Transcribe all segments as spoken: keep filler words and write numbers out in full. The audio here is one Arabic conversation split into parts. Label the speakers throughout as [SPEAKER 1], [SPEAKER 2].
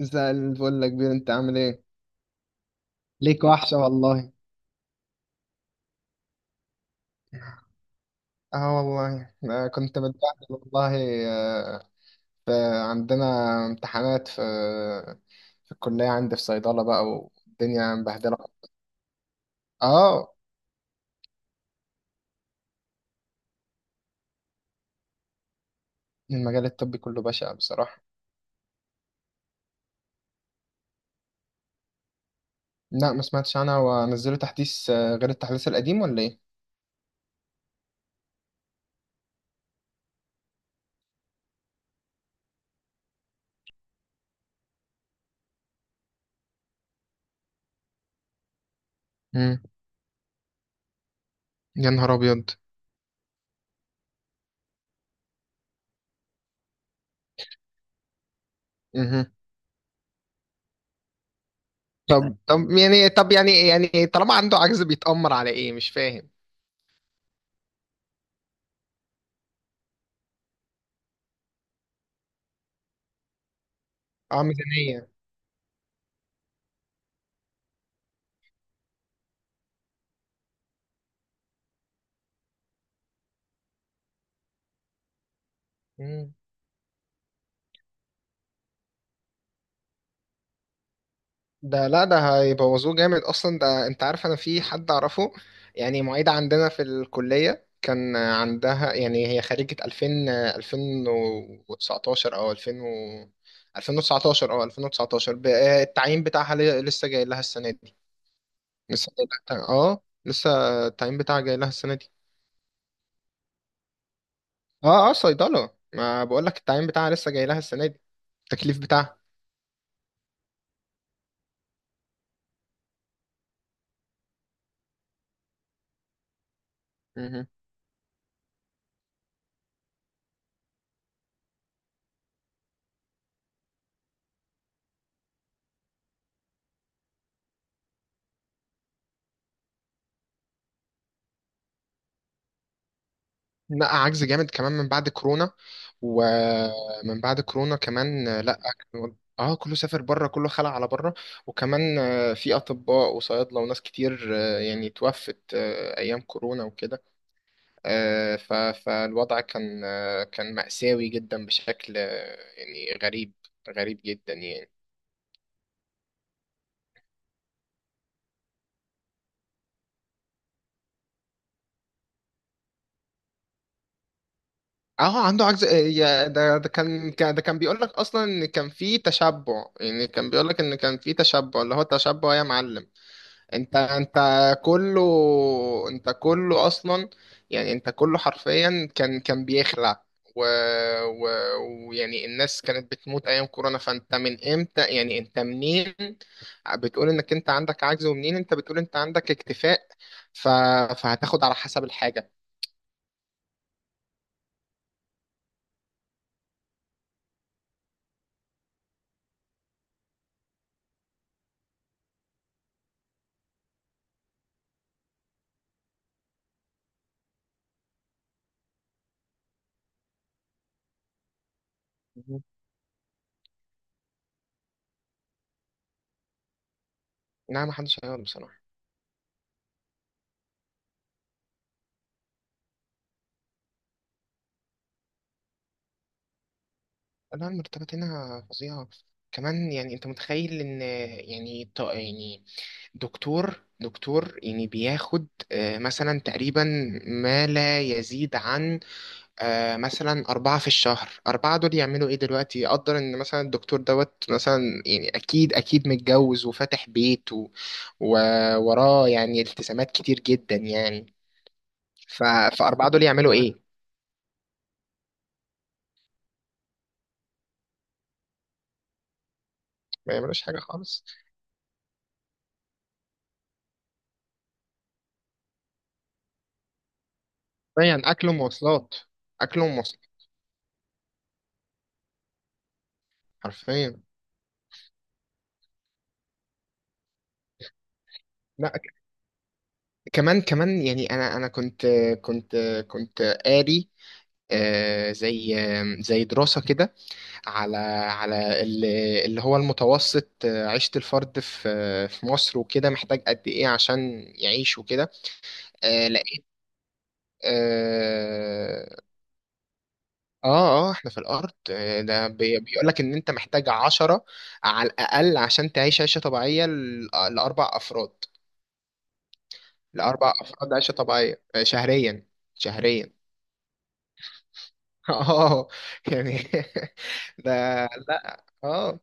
[SPEAKER 1] زي الفل يا كبير، انت عامل ايه؟ ليك وحشة والله. اه والله، آه كنت متبهدل والله. آه. ف- عندنا امتحانات في في الكلية، عندي في صيدلة بقى والدنيا مبهدلة. اه المجال الطبي كله بشع بصراحة. لا ما سمعتش عنها، ونزلوا تحديث آه، غير التحديث القديم ولا ايه؟ مم. يا نهار ابيض. مهم. طب طب يعني طب يعني يعني طالما عنده عجز بيتأمر على ايه، مش فاهم. اه ميزانية. ده لا، ده هيبوظوه جامد اصلا. ده انت عارف انا في حد اعرفه يعني، معيدة عندنا في الكلية كان عندها، يعني هي خريجة ألفين ألفين وتسعة عشر او ألفين و ألفين وتسعتاشر او ألفين وتسعتاشر ب- آه، التعيين بتاعها ل- لسه جاي لها السنة دي. لسه جاي لها، اه لسه التعيين بتاعها جاي لها السنة دي. اه اه صيدلة، ما بقول لك التعيين بتاعها لسه جاي لها السنة دي، التكليف بتاعها. لا عجز جامد كمان من بعد كورونا. ومن بعد كورونا كمان، آه، لا. اه كله سافر بره، كله خلع على بره. وكمان آه، في اطباء وصيادله وناس كتير، آه، يعني توفت آه، ايام كورونا وكده. آه، ف- فالوضع كان آه، كان مأساوي جدا، بشكل آه، يعني غريب، غريب جدا يعني. اه عنده عجز آه، يا- ده ده كان كان- ده كان بيقول لك اصلا ان كان في تشبع. يعني كان بيقول لك ان كان في تشبع، اللي هو التشبع يا معلم. انت انت كله، انت كله اصلا، يعني انت كله حرفيا كان كان بيخلع، و... و... ويعني الناس كانت بتموت ايام كورونا. فانت من امتى؟ يعني انت منين بتقول انك انت عندك عجز، ومنين انت بتقول انت عندك اكتفاء؟ ف... فهتاخد على حسب الحاجة. مهم. لا ما حدش هيقعد بصراحة. لا المرتبات هنا فظيعة. كمان يعني انت متخيل ان، يعني ط- يعني دكتور دكتور يعني بياخد آه، مثلا تقريبا ما لا يزيد عن آه، مثلا أربعة في الشهر. أربعة دول يعملوا إيه دلوقتي؟ يقدر إن مثلا الدكتور دوت، مثلا يعني أكيد أكيد متجوز وفاتح بيت و- ووراه يعني التزامات كتير جدا يعني. ف- فأربعة دول يعملوا إيه؟ ما يعملوش حاجة خالص. يعني أكل ومواصلات. أكل ومواصلات، حرفيا. لا ك- كمان كمان يعني، انا انا كنت، كنت كنت قاري آه، زي، آم، زي دراسة كده على على ال- اللي هو المتوسط، آه، عيشة الفرد في آه، في مصر وكده، محتاج قد إيه عشان يعيش وكده. آه، لقيت، اه اه آه، احنا في الأرض. آه، ده بي- بيقولك إن أنت محتاج عشرة على الأقل عشان تعيش عيشة طبيعية ل- لأربع أفراد. لأربع أفراد عيشة طبيعية، آه، شهريا. شهريا. اه يعني ده لا اه،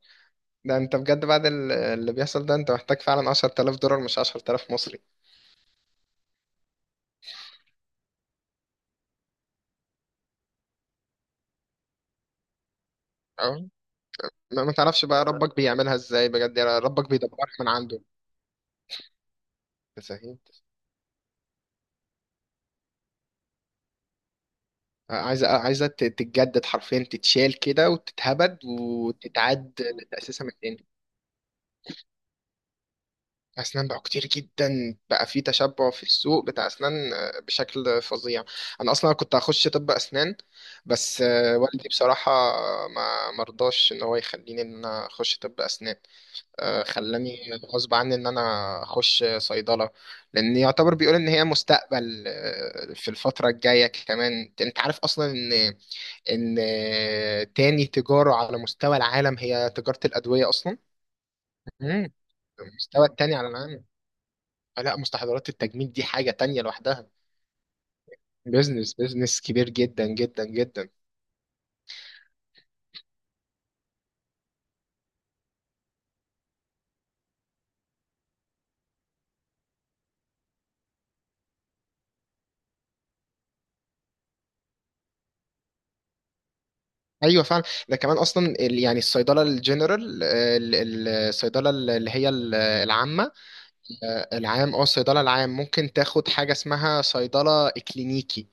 [SPEAKER 1] ده انت بجد بعد ال- اللي بيحصل ده، انت محتاج فعلا عشرة آلاف دولار مش عشرة آلاف مصري. اه ما ما تعرفش بقى ربك بيعملها ازاي بجد يعني، ربك بيدبرها من عنده. فاهم. عايزه عايزه ت- تتجدد حرفيا، تتشال كده وتتهبد وتتعاد لتأسيسها من تاني. اسنان بقى كتير جدا، بقى في تشبع في السوق بتاع اسنان آه، بشكل فظيع. انا اصلا كنت هخش طب اسنان، بس آه، والدي بصراحه ما مرضاش ان هو يخليني ان انا اخش طب اسنان. آه، خلاني غصب عني ان انا اخش صيدله، لان يعتبر بيقول ان هي مستقبل آه، في الفتره الجايه. كمان انت عارف اصلا ان، ان آه، تاني تجاره على مستوى العالم هي تجاره الادويه اصلا. مم. المستوى التاني على العالم. آه، لا، مستحضرات التجميل دي حاجه تانية لوحدها. بيزنس بيزنس كبير جدا جدا جدا. ايوه فعلا. ده كمان اصلا ال- يعني الصيدله الجنرال، آه، ال- ال- الصيدله اللي هي ال- العامه. آه، العام، اه الصيدلة العام ممكن تاخد حاجة اسمها صيدلة اكلينيكي.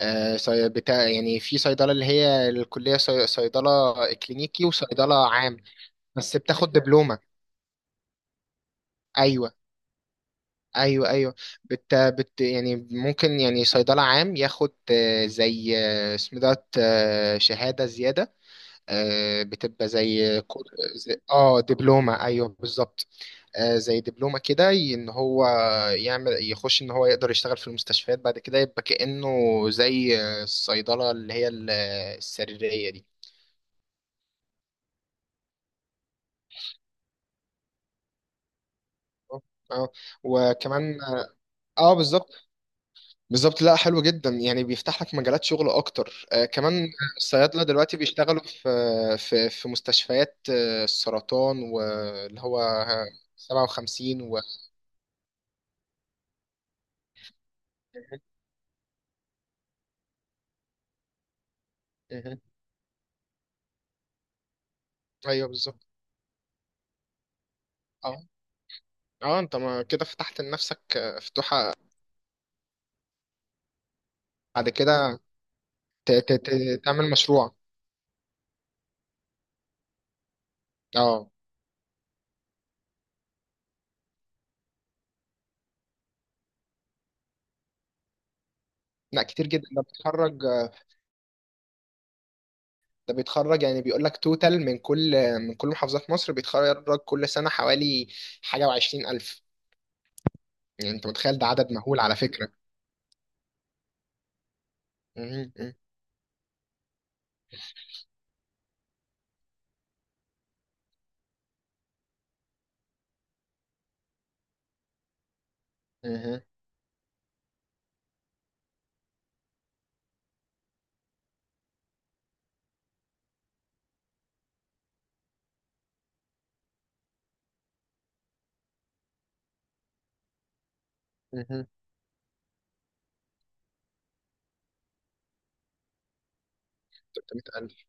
[SPEAKER 1] آه، صي- بتاع يعني في صيدلة اللي هي الكلية صي- صيدلة اكلينيكي وصيدلة عام. بس بتاخد دبلومة. ايوه ايوه ايوه. بت بت يعني ممكن يعني صيدلة عام ياخد آه، زي، آه، اسمه دوت، آه، شهادة زيادة. آه، بتبقى زي كور- زي- اه دبلومة. ايوه بالظبط. آه، زي دبلومة كده ي- ان هو يعمل، يخش ان هو يقدر يشتغل في المستشفيات بعد كده، يبقى كأنه زي آه، الصيدلة اللي هي ال- آه، السريرية دي. اه وكمان اه آه، بالظبط، بالظبط. لا حلو جدا، يعني بيفتح لك مجالات شغل اكتر آه كمان. الصيادلة دلوقتي بيشتغلوا في في في مستشفيات آه، السرطان، واللي هو آه، سبعة وخمسين و مهم. ايوه بالظبط. اه اه انت ما كده فتحت لنفسك آه، فتوحة بعد كده، ت- ت- ت- تعمل مشروع. اه لا كتير جدا ده بيتخرج، ده بيتخرج يعني بيقول لك توتال من كل، من كل محافظات مصر بيتخرج كل سنة حوالي حاجة وعشرين ألف. يعني انت متخيل؟ ده عدد مهول على فكرة. مهم. مهم. مهم. تلتمية ألف،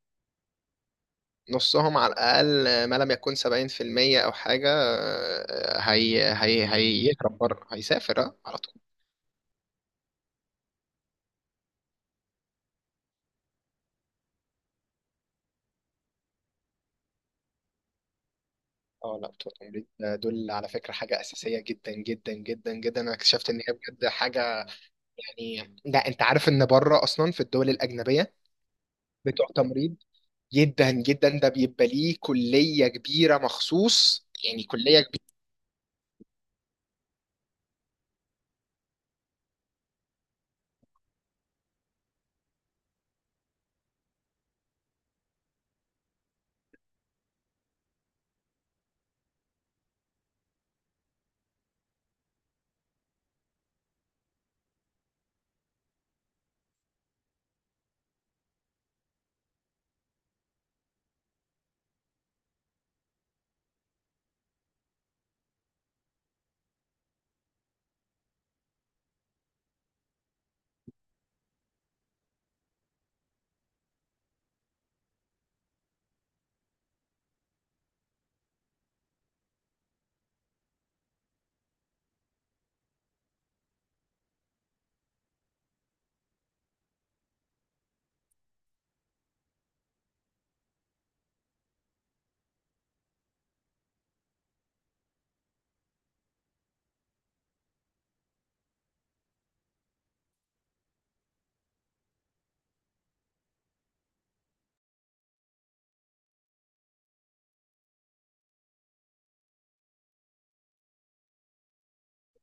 [SPEAKER 1] نصهم على الأقل ما لم يكن سبعين في المية أو حاجة، آه، هي هي هيهرب بره، هيسافر اه على طول. اه لا بتوع التمريض، دول على فكرة حاجة أساسية جدا جدا جدا جدا. أنا اكتشفت إن هي بجد حاجة يعني. ده انت عارف ان بره اصلا في الدول الاجنبيه، بتوع تمريض جدا جدا، ده بيبقى ليه كليه كبيره مخصوص. يعني كليه كبيره.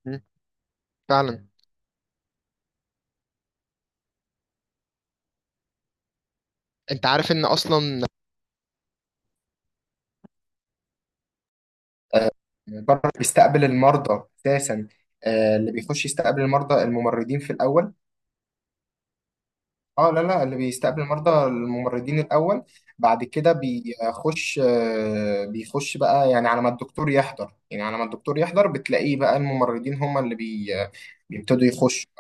[SPEAKER 1] مم. فعلا. انت عارف ان اصلا آه، بره بيستقبل المرضى اساسا. آه، اللي بيخش يستقبل المرضى الممرضين في الاول. اه لا لا، اللي بيستقبل المرضى الممرضين الاول. بعد كده بيخش آه، بيخش بقى يعني على ما الدكتور يحضر، يعني على ما الدكتور يحضر بتلاقيه بقى الممرضين هم اللي بي، بيبتدوا يخشوا.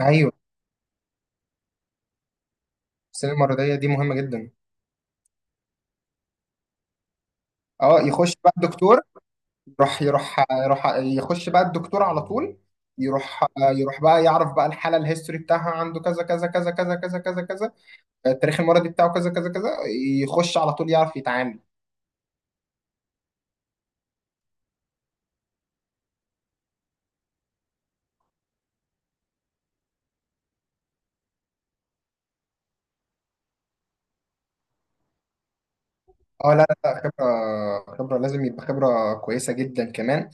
[SPEAKER 1] ايوه. السنه المرضيه دي مهمه جدا. اه يخش بقى الدكتور، يروح يروح يروح يخش بقى الدكتور على طول. يروح، يروح بقى يعرف بقى الحاله، الهيستوري بتاعها عنده كذا كذا كذا كذا كذا كذا كذا. التاريخ المرضي بتاعه كذا كذا كذا. يخش على طول، يعرف يتعامل. اه لا لا لا، خبره، خبره لازم يبقى خبره كويسه جدا كمان.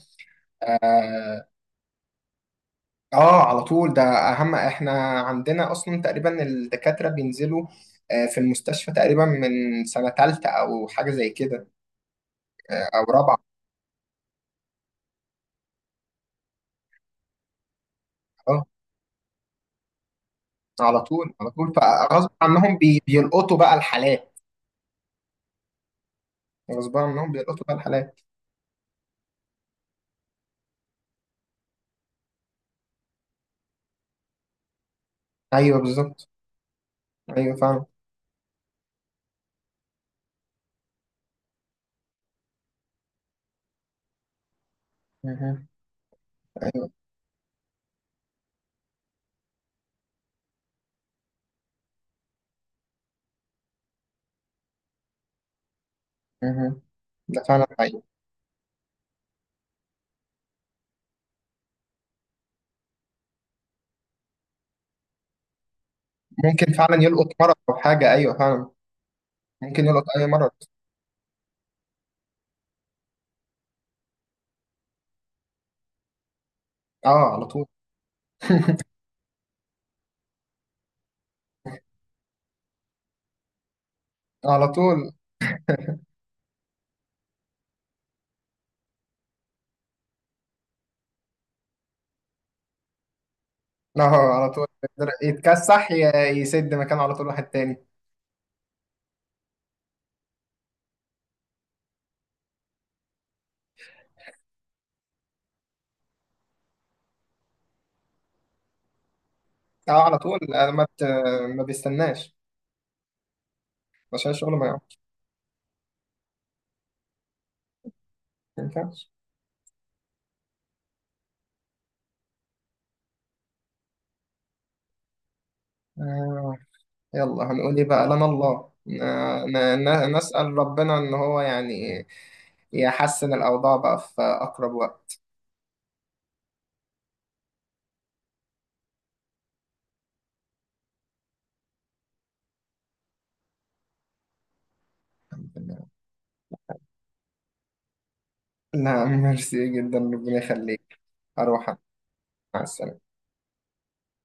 [SPEAKER 1] اه آه، على طول. ده اهم، احنا عندنا اصلا تقريبا الدكاتره بينزلوا آه، في المستشفى تقريبا من سنه ثالثه او حاجه زي كده، او رابعه. اه على طول، على طول فغصب عنهم بي... بيلقطوا بقى الحالات. غصب عنهم بيلقطوا بقى الحالات. ايوه بالظبط. ايوه فعلا. مهم. ايوه. مهم. ده فعلا حقيقي. ممكن فعلا يلقط مرض او حاجه، ايوه فعلا. ممكن يلقط اي مرض. اه على طول. على طول. اه على طول، يقدر يتكسح ي- يسد مكانه على طول واحد تاني. اه على طول آه، ما ت- ما بيستناش عشان الشغل ما يقعدش. ما ينفعش. يلا هنقول ايه بقى، لنا الله. ن- ن- نسأل ربنا ان هو يعني يحسن الاوضاع بقى في اقرب وقت. الحمد لله. لا ميرسي جدا، ربنا يخليك. اروح أنا. مع السلامة.